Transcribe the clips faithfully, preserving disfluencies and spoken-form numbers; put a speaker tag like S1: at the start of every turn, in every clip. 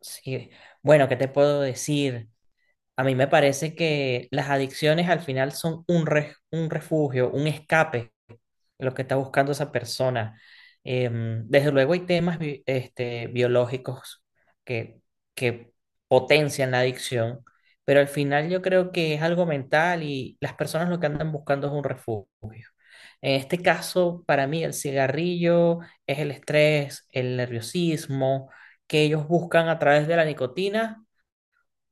S1: Sí, bueno, ¿qué te puedo decir? A mí me parece que las adicciones al final son un, re- un refugio, un escape, lo que está buscando esa persona. Em, desde luego hay temas bi- este, biológicos que, que potencian la adicción, pero al final yo creo que es algo mental y las personas lo que andan buscando es un refugio. En este caso, para mí, el cigarrillo es el estrés, el nerviosismo que ellos buscan a través de la nicotina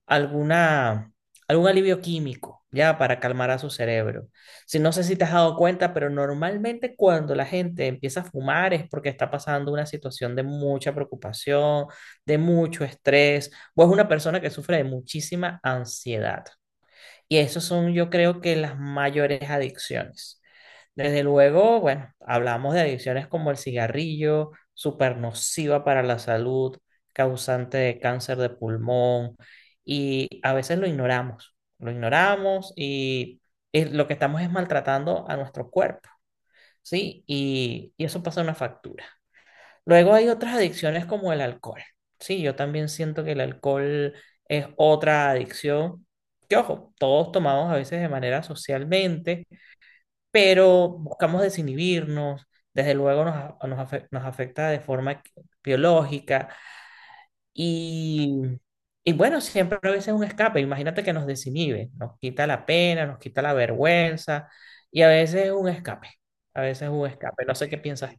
S1: alguna, algún alivio químico, ya, para calmar a su cerebro. Si no sé si te has dado cuenta, pero normalmente cuando la gente empieza a fumar es porque está pasando una situación de mucha preocupación, de mucho estrés, o es una persona que sufre de muchísima ansiedad. Y esos son, yo creo que las mayores adicciones. Desde luego, bueno, hablamos de adicciones como el cigarrillo, súper nociva para la salud, causante de cáncer de pulmón, y a veces lo ignoramos, lo ignoramos y es- lo que estamos es maltratando a nuestro cuerpo, ¿sí? Y, y eso pasa una factura. Luego hay otras adicciones como el alcohol. Sí, yo también siento que el alcohol es otra adicción. Que ojo, todos tomamos a veces de manera socialmente, pero buscamos desinhibirnos. Desde luego nos, a- nos afe- nos afecta de forma biológica y, y bueno, siempre a veces es un escape. Imagínate que nos desinhibe, nos quita la pena, nos quita la vergüenza y a veces es un escape. A veces es un escape. No sé qué piensas.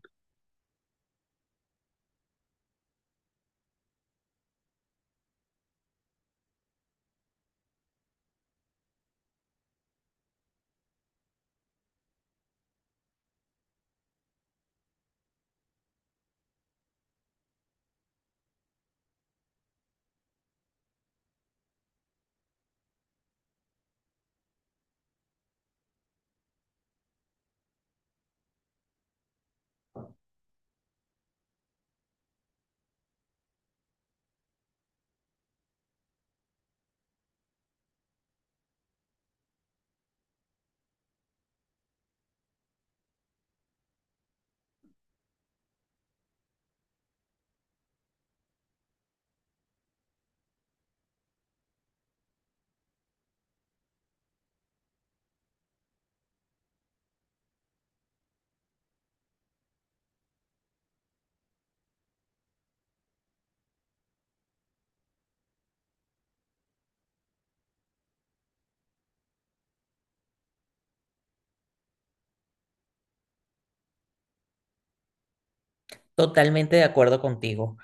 S1: Totalmente de acuerdo contigo.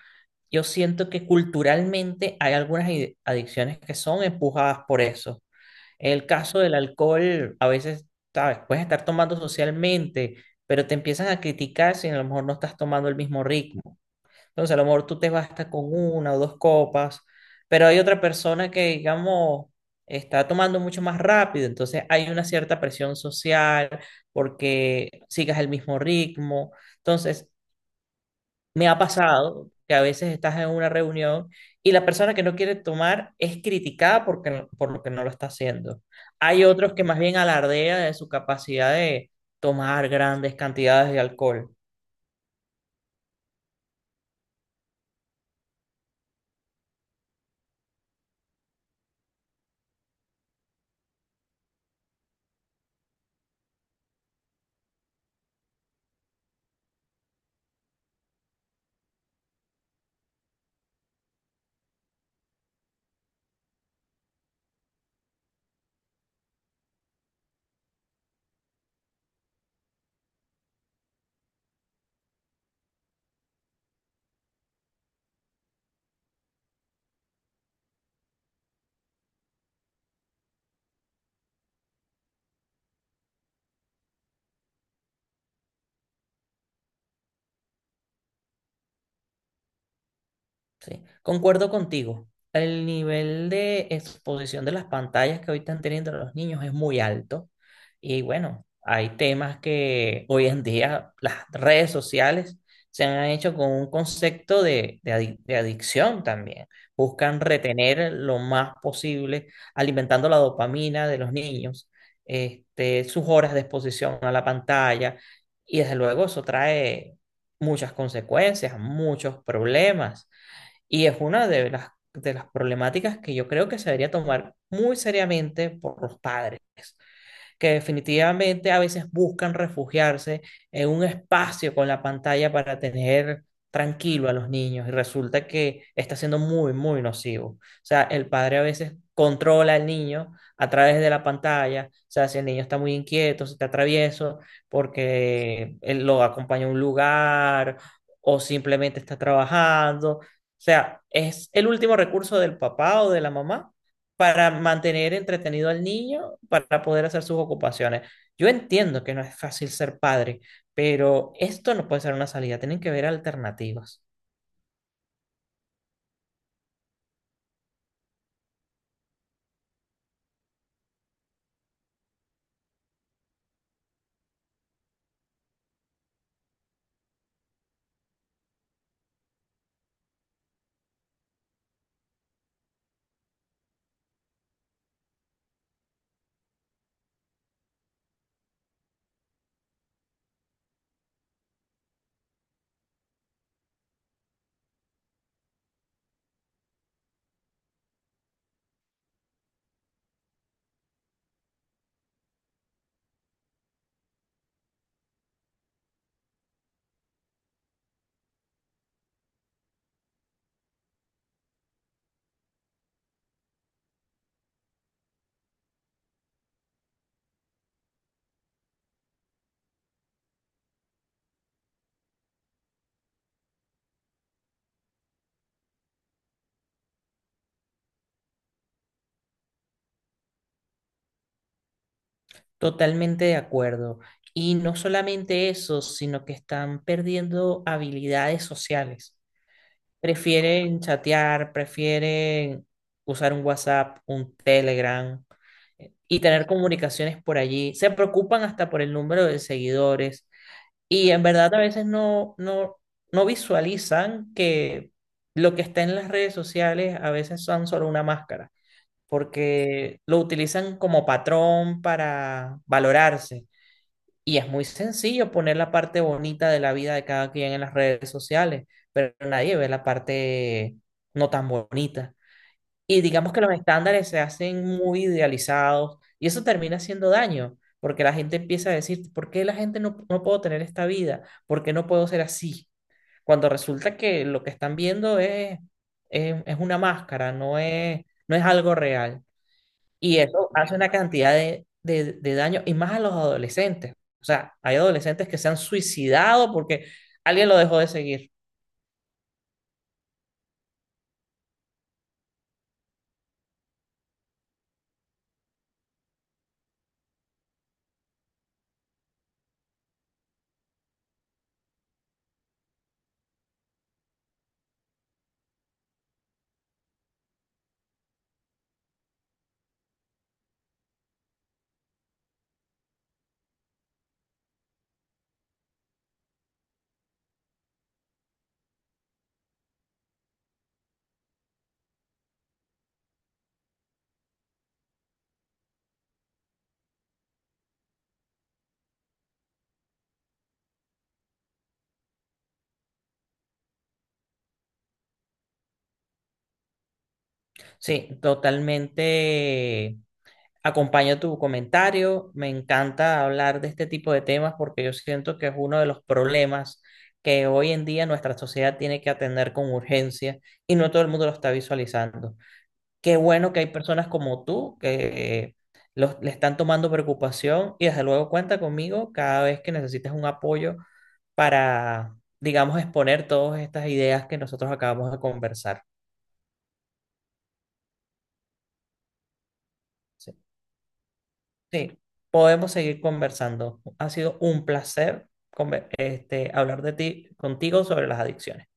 S1: Yo siento que culturalmente hay algunas ide- adicciones que son empujadas por eso. El caso del alcohol, a veces, sabes, puedes estar tomando socialmente, pero te empiezan a criticar si a lo mejor no estás tomando el mismo ritmo. Entonces, a lo mejor tú te basta con una o dos copas, pero hay otra persona que, digamos, está tomando mucho más rápido. Entonces, hay una cierta presión social porque sigas el mismo ritmo. Entonces, me ha pasado que a veces estás en una reunión y la persona que no quiere tomar es criticada porque, no- por lo que no lo está haciendo. Hay otros que más bien alardean de su capacidad de tomar grandes cantidades de alcohol. Sí, concuerdo contigo. El nivel de exposición de las pantallas que hoy están teniendo los niños es muy alto. Y bueno, hay temas que hoy en día las redes sociales se han hecho con un concepto de, de adic- de adicción también. Buscan retener lo más posible, alimentando la dopamina de los niños, este, sus horas de exposición a la pantalla. Y desde luego eso trae muchas consecuencias, muchos problemas. Y es una de las, de las problemáticas que yo creo que se debería tomar muy seriamente por los padres que definitivamente a veces buscan refugiarse en un espacio con la pantalla para tener tranquilo a los niños y resulta que está siendo muy, muy nocivo. O sea, el padre a veces controla al niño a través de la pantalla, o sea, si el niño está muy inquieto, si está travieso, porque él lo acompaña a un lugar o simplemente está trabajando. O sea, es el último recurso del papá o de la mamá para mantener entretenido al niño para poder hacer sus ocupaciones. Yo entiendo que no es fácil ser padre, pero esto no puede ser una salida, tienen que ver alternativas. Totalmente de acuerdo. Y no solamente eso, sino que están perdiendo habilidades sociales. Prefieren chatear, prefieren usar un WhatsApp, un Telegram eh, y tener comunicaciones por allí. Se preocupan hasta por el número de seguidores. Y en verdad a veces no, no, no visualizan que lo que está en las redes sociales a veces son solo una máscara, porque lo utilizan como patrón para valorarse. Y es muy sencillo poner la parte bonita de la vida de cada quien en las redes sociales, pero nadie ve la parte no tan bonita. Y digamos que los estándares se hacen muy idealizados y eso termina haciendo daño, porque la gente empieza a decir, ¿por qué la gente no, no puedo tener esta vida? ¿Por qué no puedo ser así? Cuando resulta que lo que están viendo es, es, es una máscara, no es, no es algo real. Y eso hace una cantidad de, de, de daño y más a los adolescentes. O sea, hay adolescentes que se han suicidado porque alguien lo dejó de seguir. Sí, totalmente. Acompaño tu comentario. Me encanta hablar de este tipo de temas porque yo siento que es uno de los problemas que hoy en día nuestra sociedad tiene que atender con urgencia y no todo el mundo lo está visualizando. Qué bueno que hay personas como tú que los, le están tomando preocupación y desde luego cuenta conmigo cada vez que necesites un apoyo para, digamos, exponer todas estas ideas que nosotros acabamos de conversar. Sí. Sí, podemos seguir conversando. Ha sido un placer conver- este, hablar de ti, contigo sobre las adicciones.